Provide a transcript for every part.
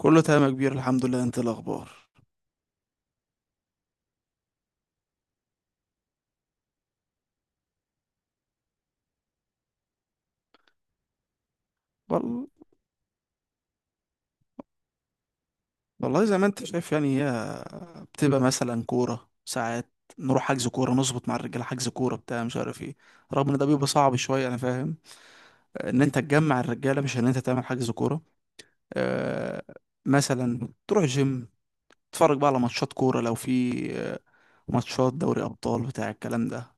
كله تمام يا كبير، الحمد لله. انت إيه الاخبار؟ وال- والله زي ما انت شايف يعني، هي بتبقى مثلا كوره ساعات. نروح حجز كوره، نظبط مع الرجاله حجز كوره بتاع مش عارف ايه. رغم ان ده بيبقى صعب شويه، انا فاهم ان انت تجمع الرجاله مش ان انت تعمل حجز كوره. آه مثلا تروح جيم، تتفرج بقى على ماتشات كوره لو في آه، ماتشات دوري ابطال بتاع الكلام ده.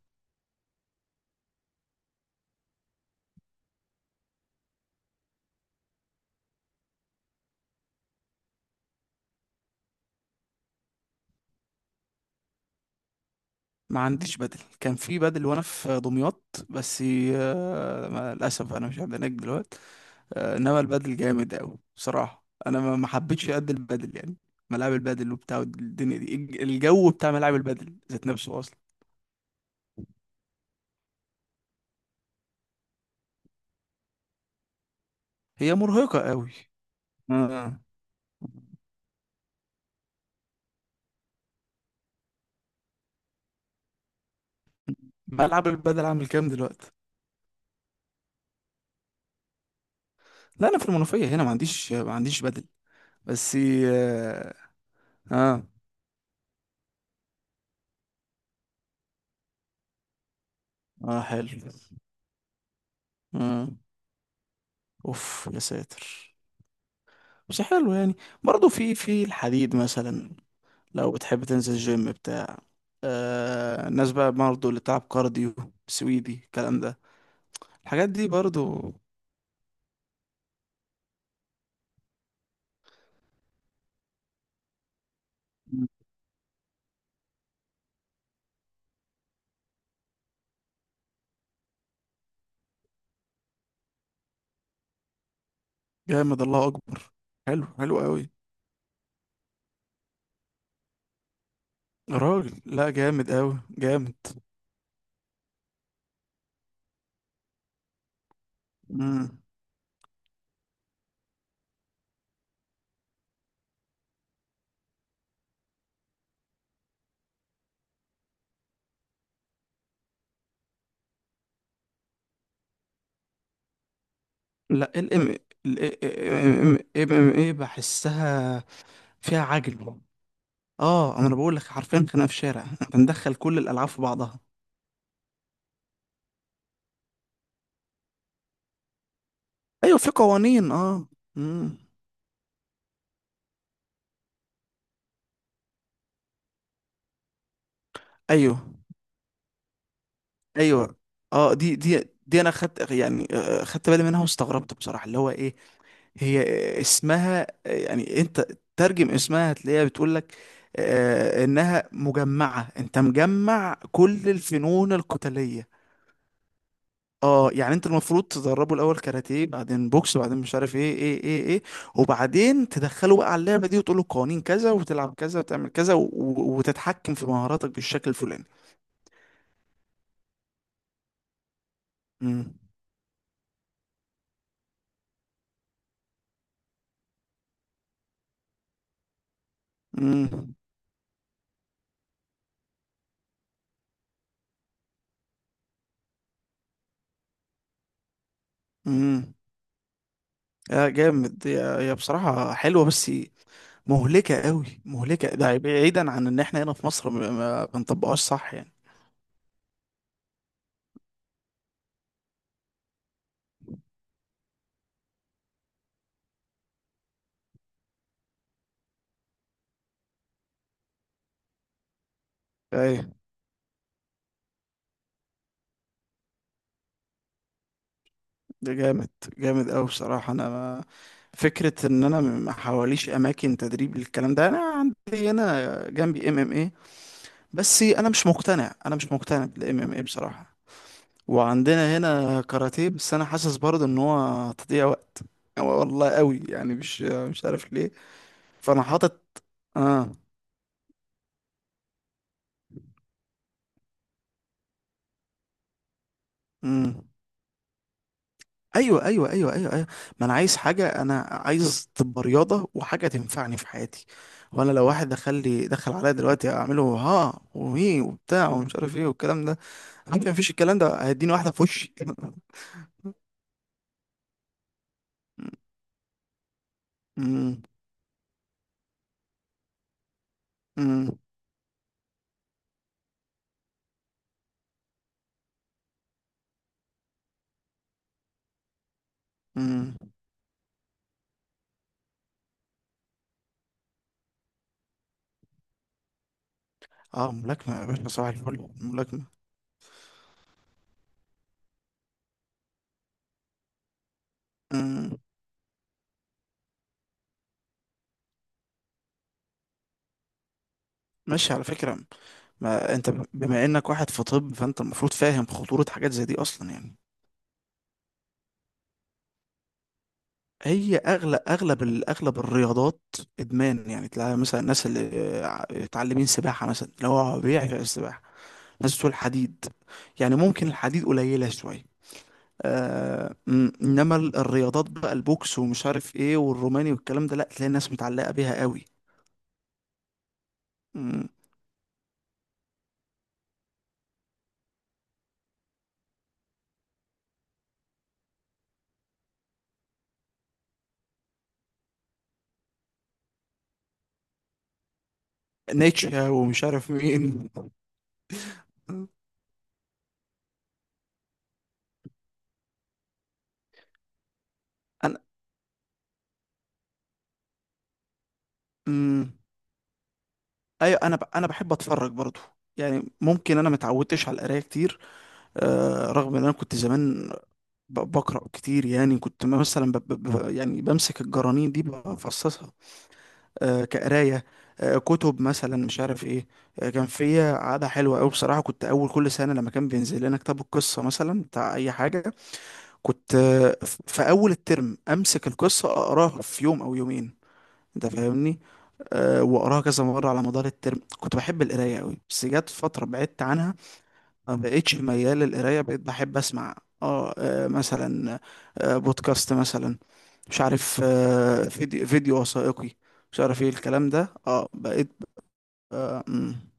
ما عنديش بدل، كان في بدل وانا في دمياط، بس للاسف انا مش عند هناك دلوقتي. انما البادل جامد قوي بصراحه. انا ما حبيتش قد البادل يعني. ملاعب البادل وبتاع الدنيا دي الجو بتاع ملاعب البادل ذات نفسه اصلا. هي مرهقه قوي. آه. ملعب البادل عامل كام دلوقتي؟ لا انا في المنوفيه هنا، ما عنديش بادل، بس اه. اه, آه حلو. آه. اوف يا ساتر. بس حلو يعني. برضه في الحديد مثلا، لو بتحب تنزل جيم بتاع آه، الناس بقى برضه اللي بتلعب كارديو، سويدي، الكلام ده، الحاجات دي برضو. جامد، الله اكبر. حلو، حلو قوي. راجل، لا جامد قوي، جامد. مم. لا ال ام ال ام ام ايه بحسها فيها عجل. اه انا بقول لك حرفيا خناقه في الشارع، احنا بندخل كل الالعاب في بعضها. ايوه في قوانين، اه. مم. ايوه ايوه. اه، دي انا خدت يعني، خدت بالي منها واستغربت بصراحه. اللي هو ايه، هي اسمها يعني، انت ترجم اسمها هتلاقيها بتقول لك انها مجمعة، انت مجمع كل الفنون القتالية. اه يعني انت المفروض تدربه الاول كاراتيه، بعدين بوكس، بعدين مش عارف ايه ايه ايه ايه، وبعدين تدخله بقى على اللعبة دي وتقول له قوانين كذا، وتلعب كذا، وتعمل كذا، وتتحكم في مهاراتك بالشكل الفلاني. امم. امم. امم. يا جامد. يا بصراحة حلوة، بس مهلكة قوي، مهلكة. ده بعيدا عن ان احنا هنا في مصر ما بنطبقهاش صح يعني. ايه ده جامد، جامد قوي بصراحة. انا ما فكرة ان انا ما حواليش اماكن تدريب للكلام ده. انا عندي هنا جنبي ام ام ايه، بس انا مش مقتنع، انا مش مقتنع بالام ام ايه بصراحة. وعندنا هنا كاراتيه، بس انا حاسس برضه ان هو تضييع وقت. والله قوي يعني، مش عارف ليه. فانا حاطط اه. امم. ايوه ايوه ايوه ايوه ايوه. ما انا عايز حاجه، انا عايز تبقى رياضه وحاجه تنفعني في حياتي. وانا لو واحد دخل عليا دلوقتي اعمله ها وهي وبتاع ومش عارف ايه والكلام ده، عارف مفيش. الكلام ده هيديني واحده في وشي. أمم، أمم، أمم. اه ملاكمه يا باشا، صباح الفل، ملاكمه. أمم. ماشي على فكره. ما انت بما انك واحد في طب، فانت المفروض فاهم خطوره حاجات زي دي اصلا يعني. هي اغلب الرياضات ادمان يعني. تلاقي مثلا الناس اللي متعلمين سباحه مثلا، اللي هو بيعشق السباحه. ناس بتقول حديد، يعني ممكن الحديد قليله شويه. انما الرياضات بقى، البوكس ومش عارف ايه والروماني والكلام ده، لا تلاقي الناس متعلقه بيها قوي. م- نيتشه ومش عارف مين. انا امم. ايوه انا بحب اتفرج برضو. يعني ممكن انا متعودتش على القرايه كتير، آه رغم ان انا كنت زمان بقرأ كتير يعني. كنت مثلا يعني بمسك الجرانين دي بفصصها، آه كقراية، آه كتب مثلا مش عارف ايه. آه كان فيا عادة حلوة أوي بصراحة. كنت أول كل سنة لما كان بينزل لنا كتاب القصة مثلا بتاع أي حاجة، كنت آه في أول الترم أمسك القصة أقراها في يوم أو يومين، انت فاهمني؟ أه واقراها كذا مره على مدار الترم. كنت بحب القرايه قوي، بس جت فتره بعدت عنها، ما بقتش ميال للقرايه، بقيت بحب اسمع. اه مثلا بودكاست مثلا، مش عارف، فيديو وثائقي، مش عارف ايه الكلام ده. اه بقيت آه مم.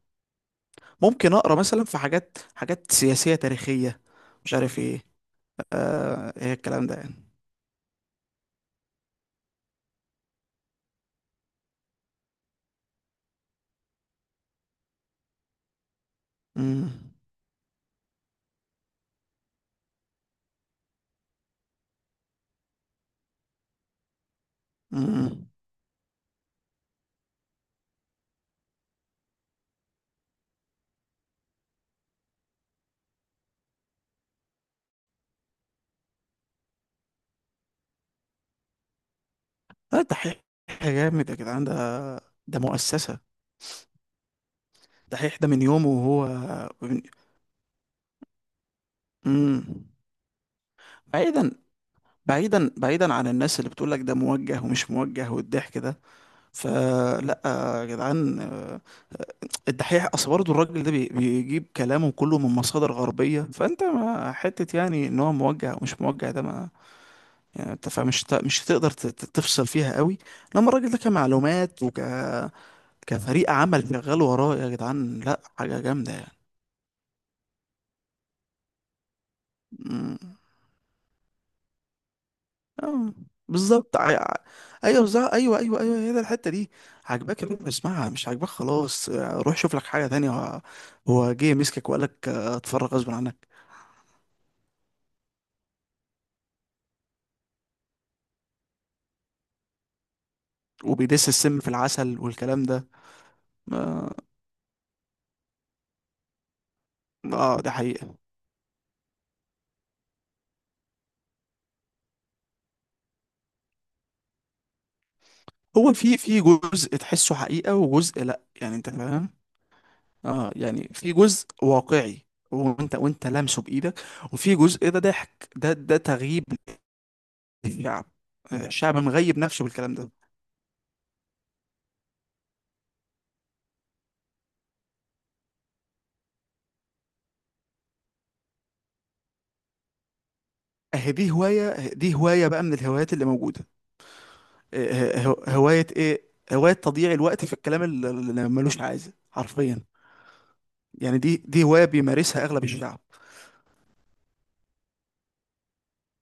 ممكن اقرا مثلا في حاجات سياسية تاريخية، مش عارف ايه، آه ايه الكلام ده يعني. امم. امم. لا دحيح جامد يا جدعان، ده ده مؤسسة. دحيح ده من يومه وهو. امم. بعيدا، بعيدا عن الناس اللي بتقول لك ده موجه ومش موجه والضحك ده، فلا يا جدعان. الدحيح اصل برضه الراجل ده بيجيب كلامه كله من مصادر غربية. فانت ما حتة يعني ان هو موجه او مش موجه، ده ما يعني. انت فمش ت- مش هتقدر تفصل فيها قوي لما الراجل ده كمعلومات وك كفريق عمل شغال وراه، يا جدعان لا، حاجة جامدة يعني. أمم. آه، بالظبط ع- ع- ايوه بالظبط ايوه ايوه ايوه، هي ده الحتة دي. عجباك يا باشا اسمعها، مش عجباك خلاص، روح شوف لك حاجة تانية. هو جه مسكك وقال لك اتفرج غصب عنك؟ وبيدس السم في العسل والكلام ده. اه ده حقيقة. هو في في جزء تحسه حقيقة وجزء لا، يعني انت فاهم. اه يعني في جزء واقعي، وانت لامسه بايدك، وفي جزء ده ضحك، ده تغييب للشعب. الشعب مغيب نفسه بالكلام ده. اهي دي هواية، دي هواية بقى من الهوايات اللي موجودة. آه، آه، هواية ايه، هواية تضييع الوقت في الكلام اللي ملوش عايزة حرفيا. يعني دي دي هواية بيمارسها اغلب الشعب.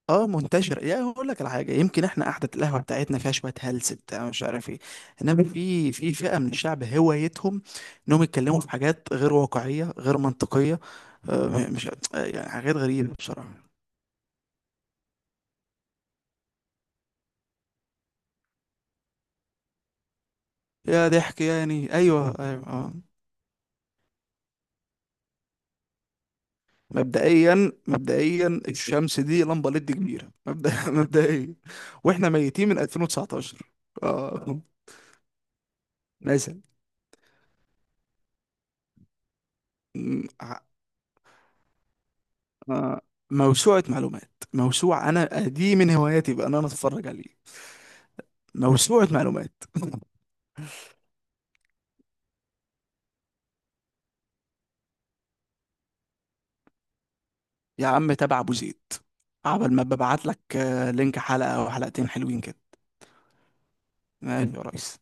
اه منتشر. يا هقول لك على حاجه، يمكن احنا قعده القهوه بتاعتنا فيها شويه هلس بتاع مش عارف ايه، انما في فئه من الشعب هوايتهم انهم يتكلموا في حاجات غير واقعيه غير منطقيه. آه، مش آه، يعني حاجات غريبه بصراحه. يا ضحك يعني، ايوه ايوه اه. مبدئيا الشمس دي لمبه ليد كبيره، مبدأ. مبدئيا واحنا ميتين من 2019. اه مثلا، آه، موسوعة معلومات، أنا دي من هواياتي بقى إن أنا أتفرج عليه. موسوعة معلومات. يا عم تابع أبو زيد. عبل ما ببعت لك لينك حلقة أو حلقتين حلوين كده. ماشي يا ريس.